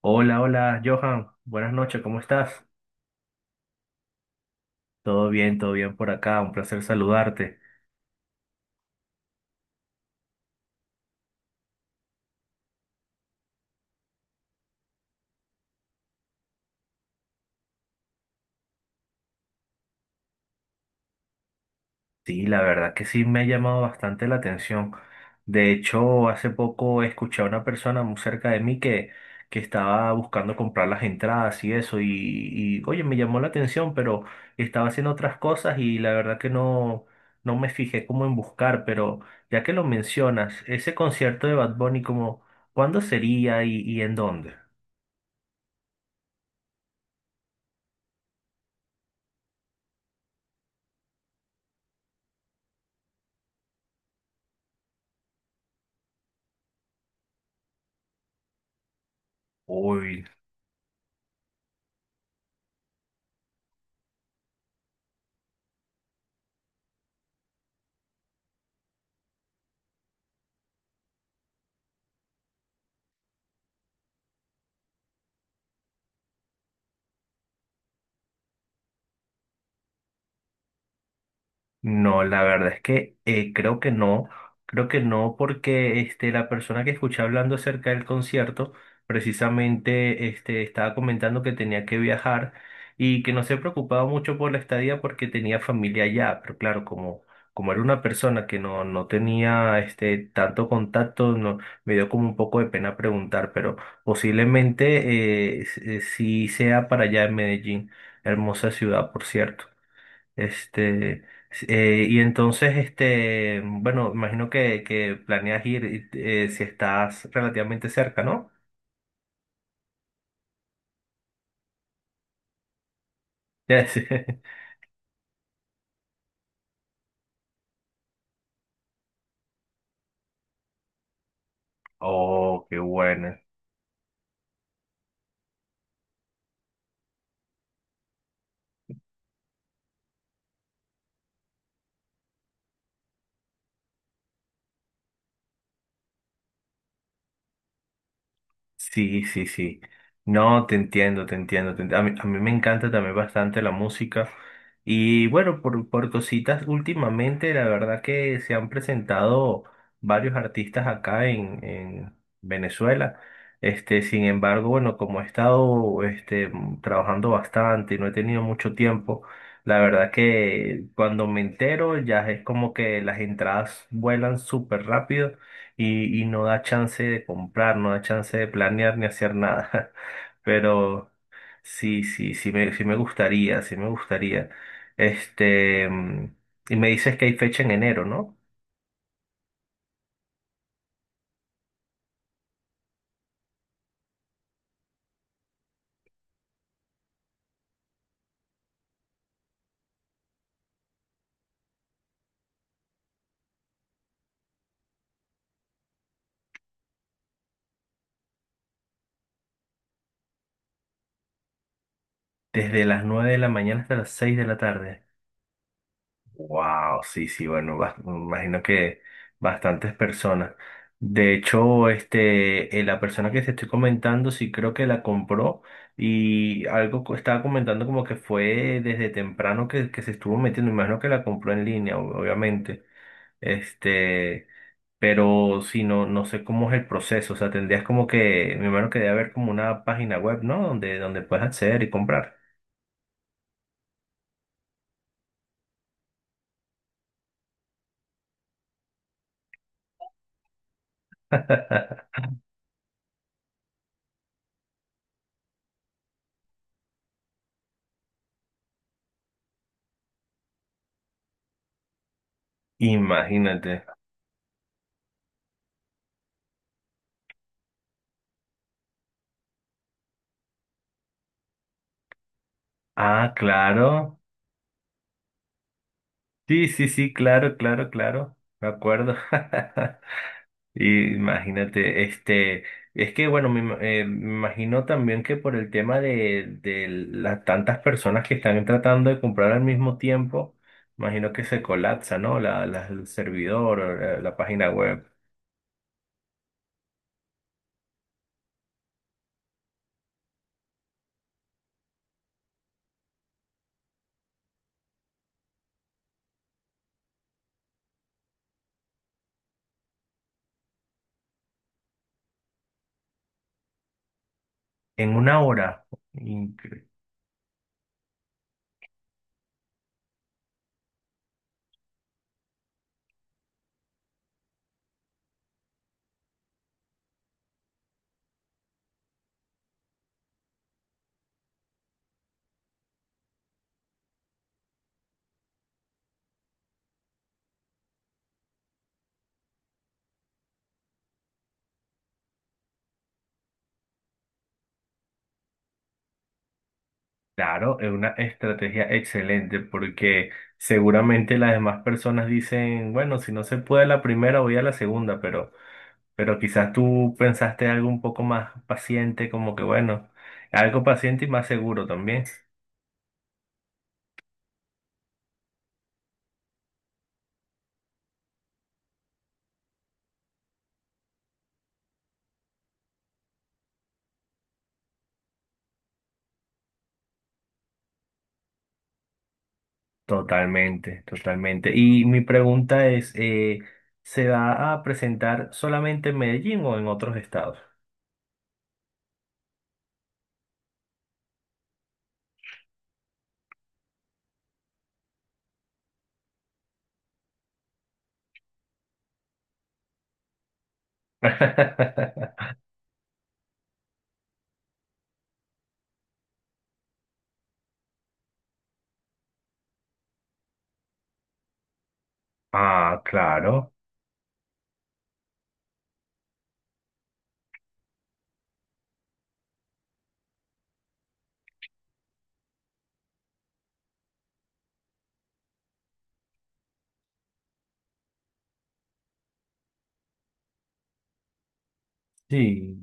Hola, hola, Johan. Buenas noches, ¿cómo estás? Todo bien por acá. Un placer saludarte. Sí, la verdad que sí me ha llamado bastante la atención. De hecho, hace poco escuché a una persona muy cerca de mí que estaba buscando comprar las entradas y eso. Y oye, me llamó la atención, pero estaba haciendo otras cosas y la verdad que no, no me fijé como en buscar. Pero ya que lo mencionas, ese concierto de Bad Bunny, como, ¿cuándo sería y en dónde? Uy. No, la verdad es que creo que no porque este, la persona que escuché hablando acerca del concierto precisamente este, estaba comentando que tenía que viajar y que no se preocupaba mucho por la estadía porque tenía familia allá, pero claro, como, como era una persona que no, no tenía este, tanto contacto, no, me dio como un poco de pena preguntar, pero posiblemente sí sea para allá en Medellín, hermosa ciudad, por cierto. Este, y entonces, este, bueno, imagino que planeas ir y, si estás relativamente cerca, ¿no? Ya. Oh, qué bueno. Sí, sí, sí. No, te entiendo, te entiendo. A mí me encanta también bastante la música. Y bueno, por cositas, últimamente la verdad que se han presentado varios artistas acá en Venezuela. Este, sin embargo, bueno, como he estado este, trabajando bastante y no he tenido mucho tiempo, la verdad que cuando me entero ya es como que las entradas vuelan súper rápido y no da chance de comprar, no da chance de planear ni hacer nada. Pero sí, sí, sí me gustaría, sí me gustaría. Este, y me dices que hay fecha en enero, ¿no? Desde las nueve de la mañana hasta las 6 de la tarde. Wow, sí, sí, bueno, me imagino que bastantes personas. De hecho, este, la persona que te estoy comentando, sí creo que la compró y estaba comentando como que fue desde temprano que se estuvo metiendo. Me imagino que la compró en línea, obviamente. Este, pero si no, no sé cómo es el proceso. O sea, tendrías como que, me imagino que debe haber como una página web, ¿no? Donde, donde puedes acceder y comprar. Imagínate. Ah, claro. Sí, sí, sí, claro, claro, claro, me acuerdo. Y imagínate, este, es que bueno, me, me imagino también que por el tema de las tantas personas que están tratando de comprar al mismo tiempo, imagino que se colapsa, ¿no? El servidor, o la página web. En una hora, incre- claro, es una estrategia excelente porque seguramente las demás personas dicen, bueno, si no se puede la primera, voy a la segunda, pero... Pero quizás tú pensaste algo un poco más paciente, como que bueno, algo paciente y más seguro también. Totalmente, totalmente. Y mi pregunta es, ¿se va a presentar solamente en Medellín o en otros estados? Ah, claro. Sí,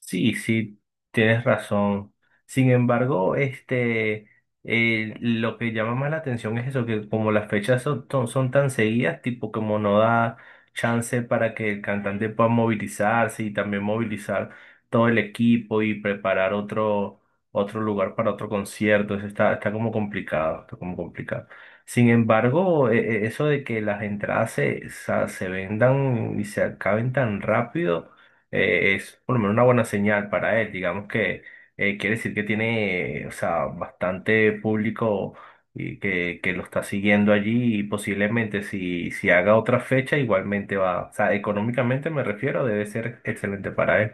sí, sí, tienes razón. Sin embargo, este, lo que llama más la atención es eso, que como las fechas son, son tan seguidas, tipo como no da chance para que el cantante pueda movilizarse y también movilizar todo el equipo y preparar otro, otro lugar para otro concierto. Eso está, está como complicado, está como complicado. Sin embargo, eso de que las entradas se, se vendan y se acaben tan rápido es por lo menos una buena señal para él. Digamos que quiere decir que tiene, o sea, bastante público y que lo está siguiendo allí y posiblemente si, si haga otra fecha igualmente va, o sea, económicamente me refiero, debe ser excelente para él.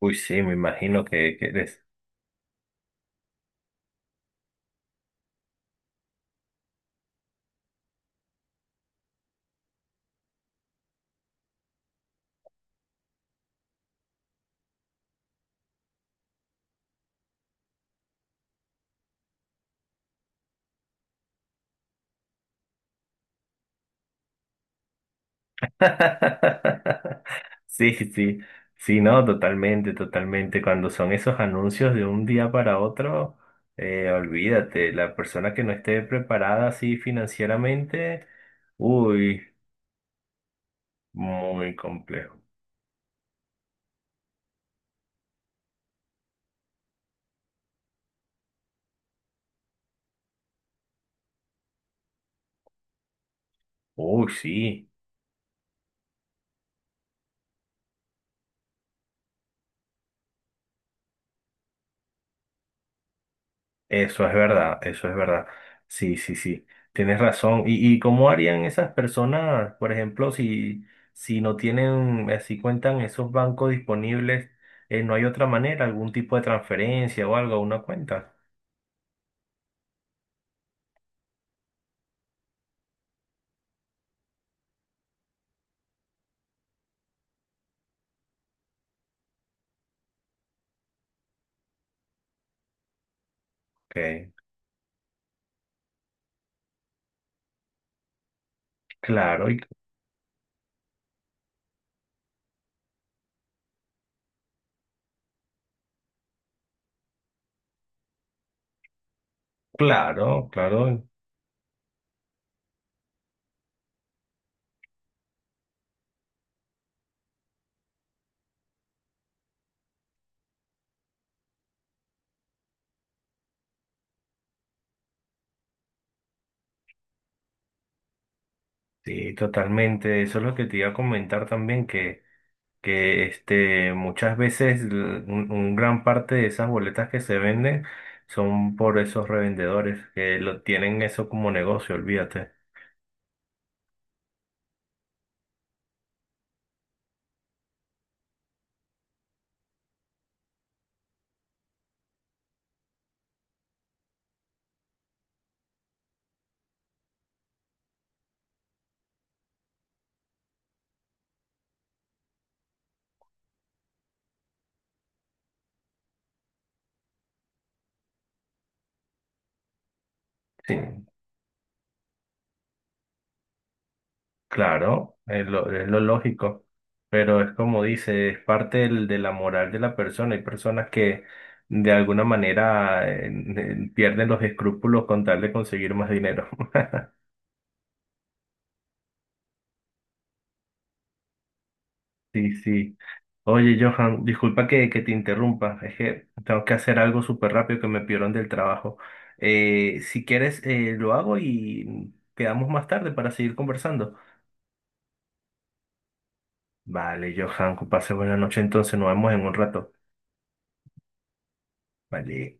Uy, sí, me imagino que debe sí, sí, sí, no, totalmente, totalmente. Cuando son esos anuncios de un día para otro, olvídate, la persona que no esté preparada así financieramente, uy, muy complejo. Uy, sí. Eso es verdad, eso es verdad. Sí, sí, sí, tienes razón. Y cómo harían esas personas, por ejemplo, si, si no tienen, si cuentan esos bancos disponibles, no hay otra manera, algún tipo de transferencia o algo a una cuenta? Ok, claro, y, claro, claro, sí, totalmente. Eso es lo que te iba a comentar también, que este, muchas veces un gran parte de esas boletas que se venden son por esos revendedores que lo tienen eso como negocio, olvídate. Sí, claro, es lo lógico, pero es como dice, es parte de la moral de la persona. Hay personas que de alguna manera pierden los escrúpulos con tal de conseguir más dinero. Sí, sí. Oye, Johan, disculpa que te interrumpa, es que tengo que hacer algo súper rápido que me pidieron del trabajo. Si quieres, lo hago y quedamos más tarde para seguir conversando. Vale, Johan, que pase buena noche entonces, nos vemos en un rato. Vale.